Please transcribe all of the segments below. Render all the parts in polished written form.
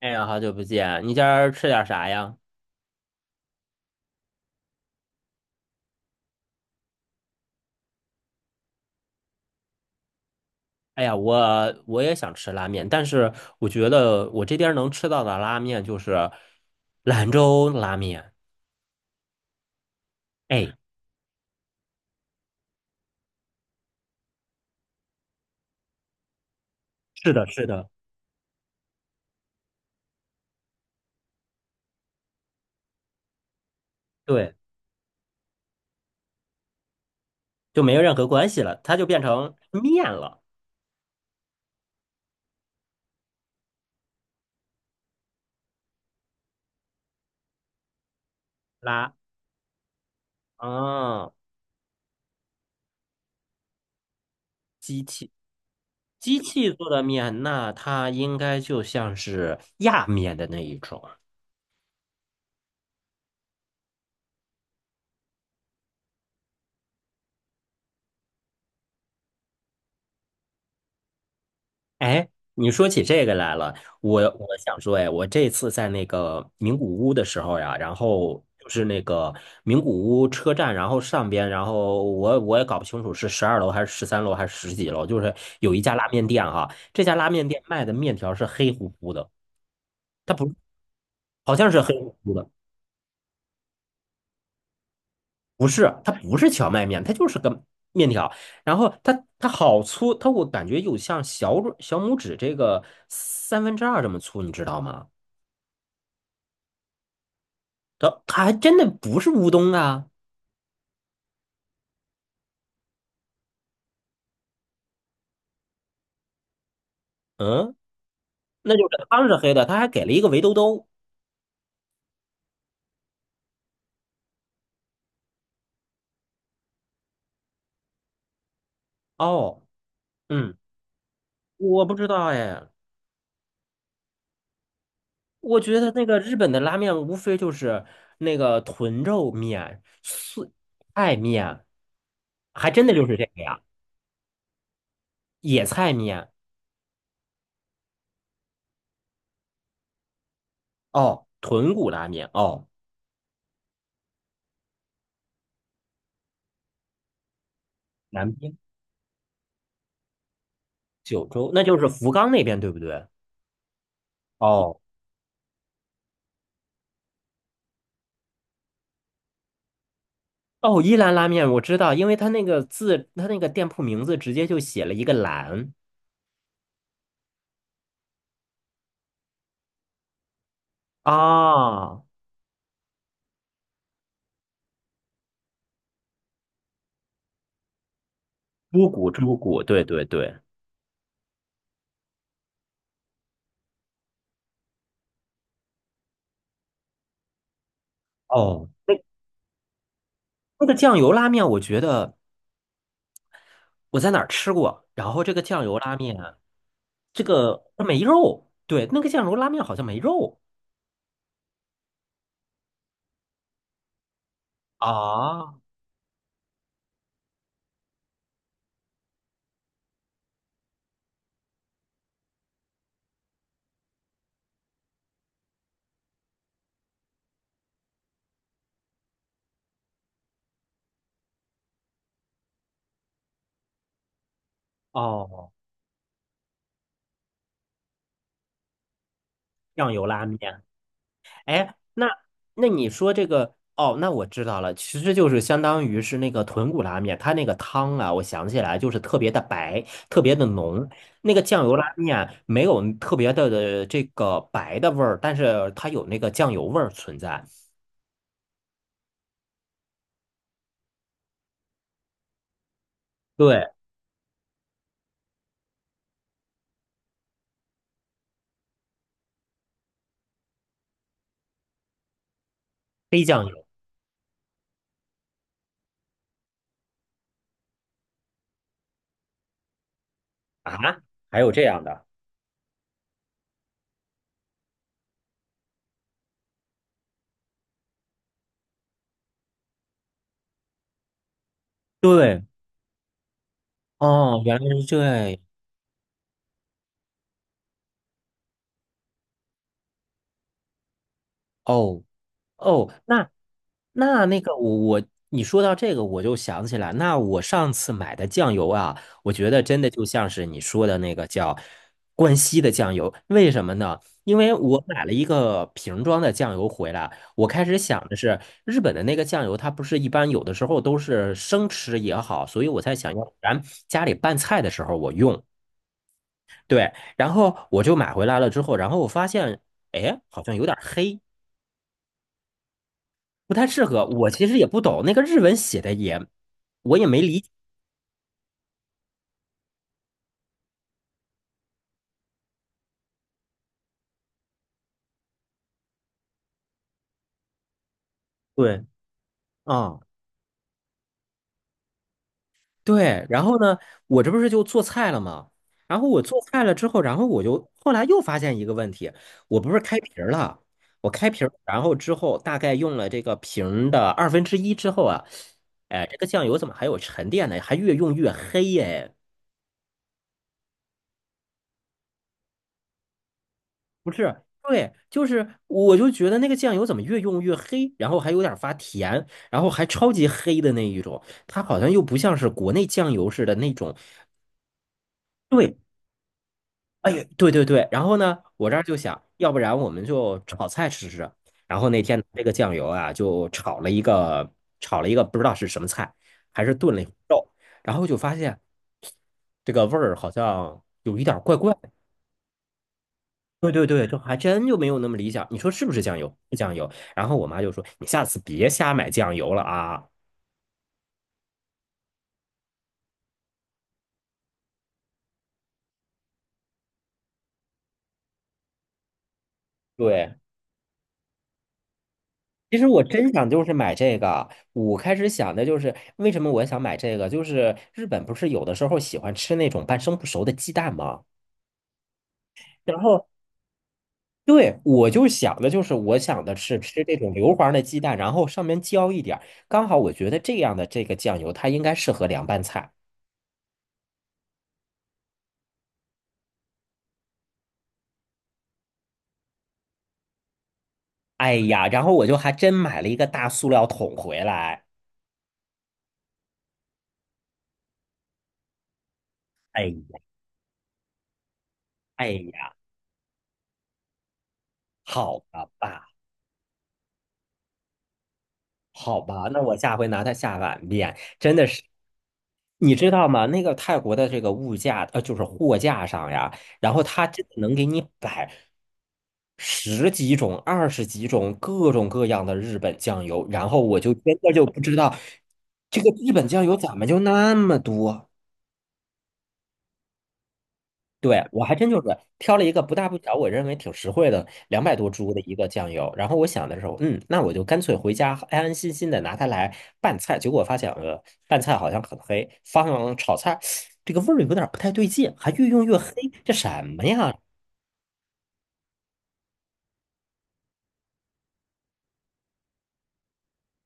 哎呀，好久不见！你今儿吃点啥呀？哎呀，我也想吃拉面，但是我觉得我这边能吃到的拉面就是兰州拉面。哎，是的，是的，对，就没有任何关系了，它就变成面了。拉，啊，机器机器做的面，那它应该就像是压面的那一种。哎，你说起这个来了，我想说，哎，我这次在那个名古屋的时候呀，然后就是那个名古屋车站，然后上边，然后我也搞不清楚是12楼还是13楼还是十几楼，就是有一家拉面店哈，这家拉面店卖的面条是黑乎乎的，它不好像是黑乎乎的，不是，它不是荞麦面，它就是个面条，然后它好粗，它我感觉有像小拇指这个2/3这么粗，你知道吗？它还真的不是乌冬啊。嗯，那就是汤是黑的，它还给了一个围兜兜。哦，嗯，我不知道哎，我觉得那个日本的拉面无非就是那个豚肉面、素菜面，还真的就是这个呀，野菜面。哦，豚骨拉面。哦，南边九州，那就是福冈那边对不对？哦。哦，一兰拉面我知道，因为它那个字，它那个店铺名字直接就写了一个"兰"啊。猪骨猪骨，对对对。哦，那个酱油拉面，我觉得我在哪儿吃过，然后这个酱油拉面，这个它没肉。对，那个酱油拉面好像没肉啊。哦，酱油拉面。哎，那你说这个，哦，那我知道了，其实就是相当于是那个豚骨拉面，它那个汤啊，我想起来就是特别的白，特别的浓，那个酱油拉面没有特别的这个白的味儿，但是它有那个酱油味儿存在。对，黑酱油啊，还有这样的？对，哦，原来是这样。哦哦，那个我你说到这个我就想起来，那我上次买的酱油啊，我觉得真的就像是你说的那个叫关西的酱油，为什么呢？因为我买了一个瓶装的酱油回来，我开始想的是日本的那个酱油，它不是一般有的时候都是生吃也好，所以我才想要咱家里拌菜的时候我用。对，然后我就买回来了之后，然后我发现，哎，好像有点黑，不太适合。我其实也不懂那个日文写的也，我也没理解。对，啊、对。然后呢，我这不是就做菜了吗？然后我做菜了之后，然后我就后来又发现一个问题，我不是开瓶儿了，我开瓶儿，然后之后大概用了这个瓶儿的1/2之后啊，哎，这个酱油怎么还有沉淀呢？还越用越黑耶、不是，对，就是我就觉得那个酱油怎么越用越黑，然后还有点发甜，然后还超级黑的那一种，它好像又不像是国内酱油似的那种。对，哎呀，对对对。然后呢，我这儿就想，要不然我们就炒菜吃吃。然后那天这个酱油啊，就炒了一个不知道是什么菜，还是炖了一会儿肉，然后就发现这个味儿好像有一点儿怪怪。对对对，这还真就没有那么理想。你说是不是酱油？是酱油。然后我妈就说："你下次别瞎买酱油了啊。"对，其实我真想就是买这个。我开始想的就是为什么我想买这个，就是日本不是有的时候喜欢吃那种半生不熟的鸡蛋吗？然后对，我想的是吃这种硫磺的鸡蛋，然后上面浇一点儿刚好我觉得这样的这个酱油它应该适合凉拌菜。哎呀，然后我就还真买了一个大塑料桶回来。哎哎呀，好吧，好吧，那我下回拿它下碗面，真的是。你知道吗？那个泰国的这个物价，就是货架上呀，然后他真的能给你摆十几种、二十几种各种各样的日本酱油，然后我就真的就不知道这个日本酱油怎么就那么多。对，我还真就是挑了一个不大不小，我认为挺实惠的，200多铢的一个酱油。然后我想的时候，嗯，那我就干脆回家安安心心的拿它来拌菜。结果发现，拌菜好像很黑，放炒菜这个味儿有点儿不太对劲，还越用越黑，这什么呀？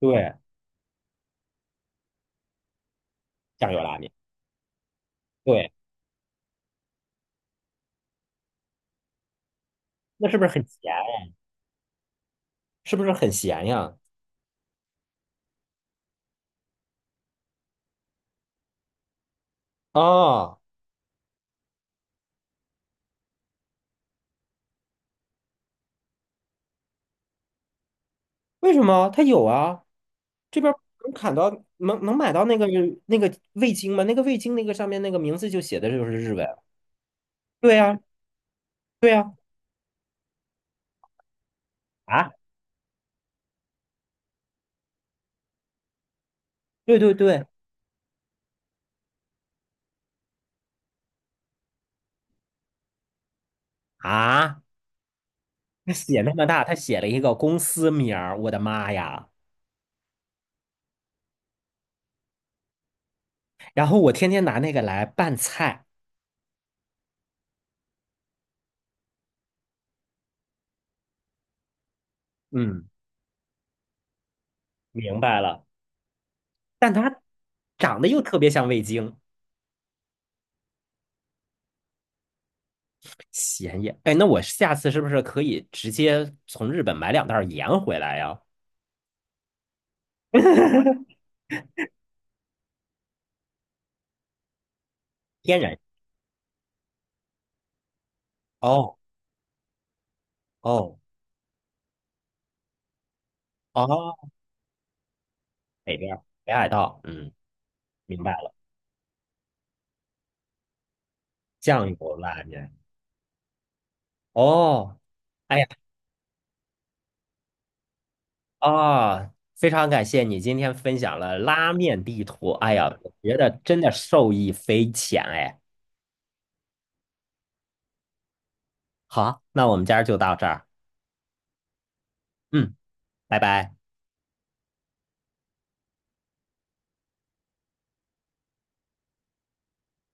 对，酱油拉面，对，那是不是很咸？是不是很咸呀？啊，为什么？它有啊，这边儿能砍到能买到那个味精吗？那个味精那个上面那个名字就写的就是日文。对呀、对呀，啊，对对对，啊，他写那么大，他写了一个公司名儿，我的妈呀！然后我天天拿那个来拌菜，嗯，明白了。但它长得又特别像味精，咸盐。哎，那我下次是不是可以直接从日本买两袋儿盐回来呀？天然。哦哦哦，北边儿北海道，嗯，明白了。酱油拉面。哦，哎呀。啊，非常感谢你今天分享了拉面地图。哎呀，我觉得真的受益匪浅哎。好，那我们今儿就到这儿。嗯，拜拜。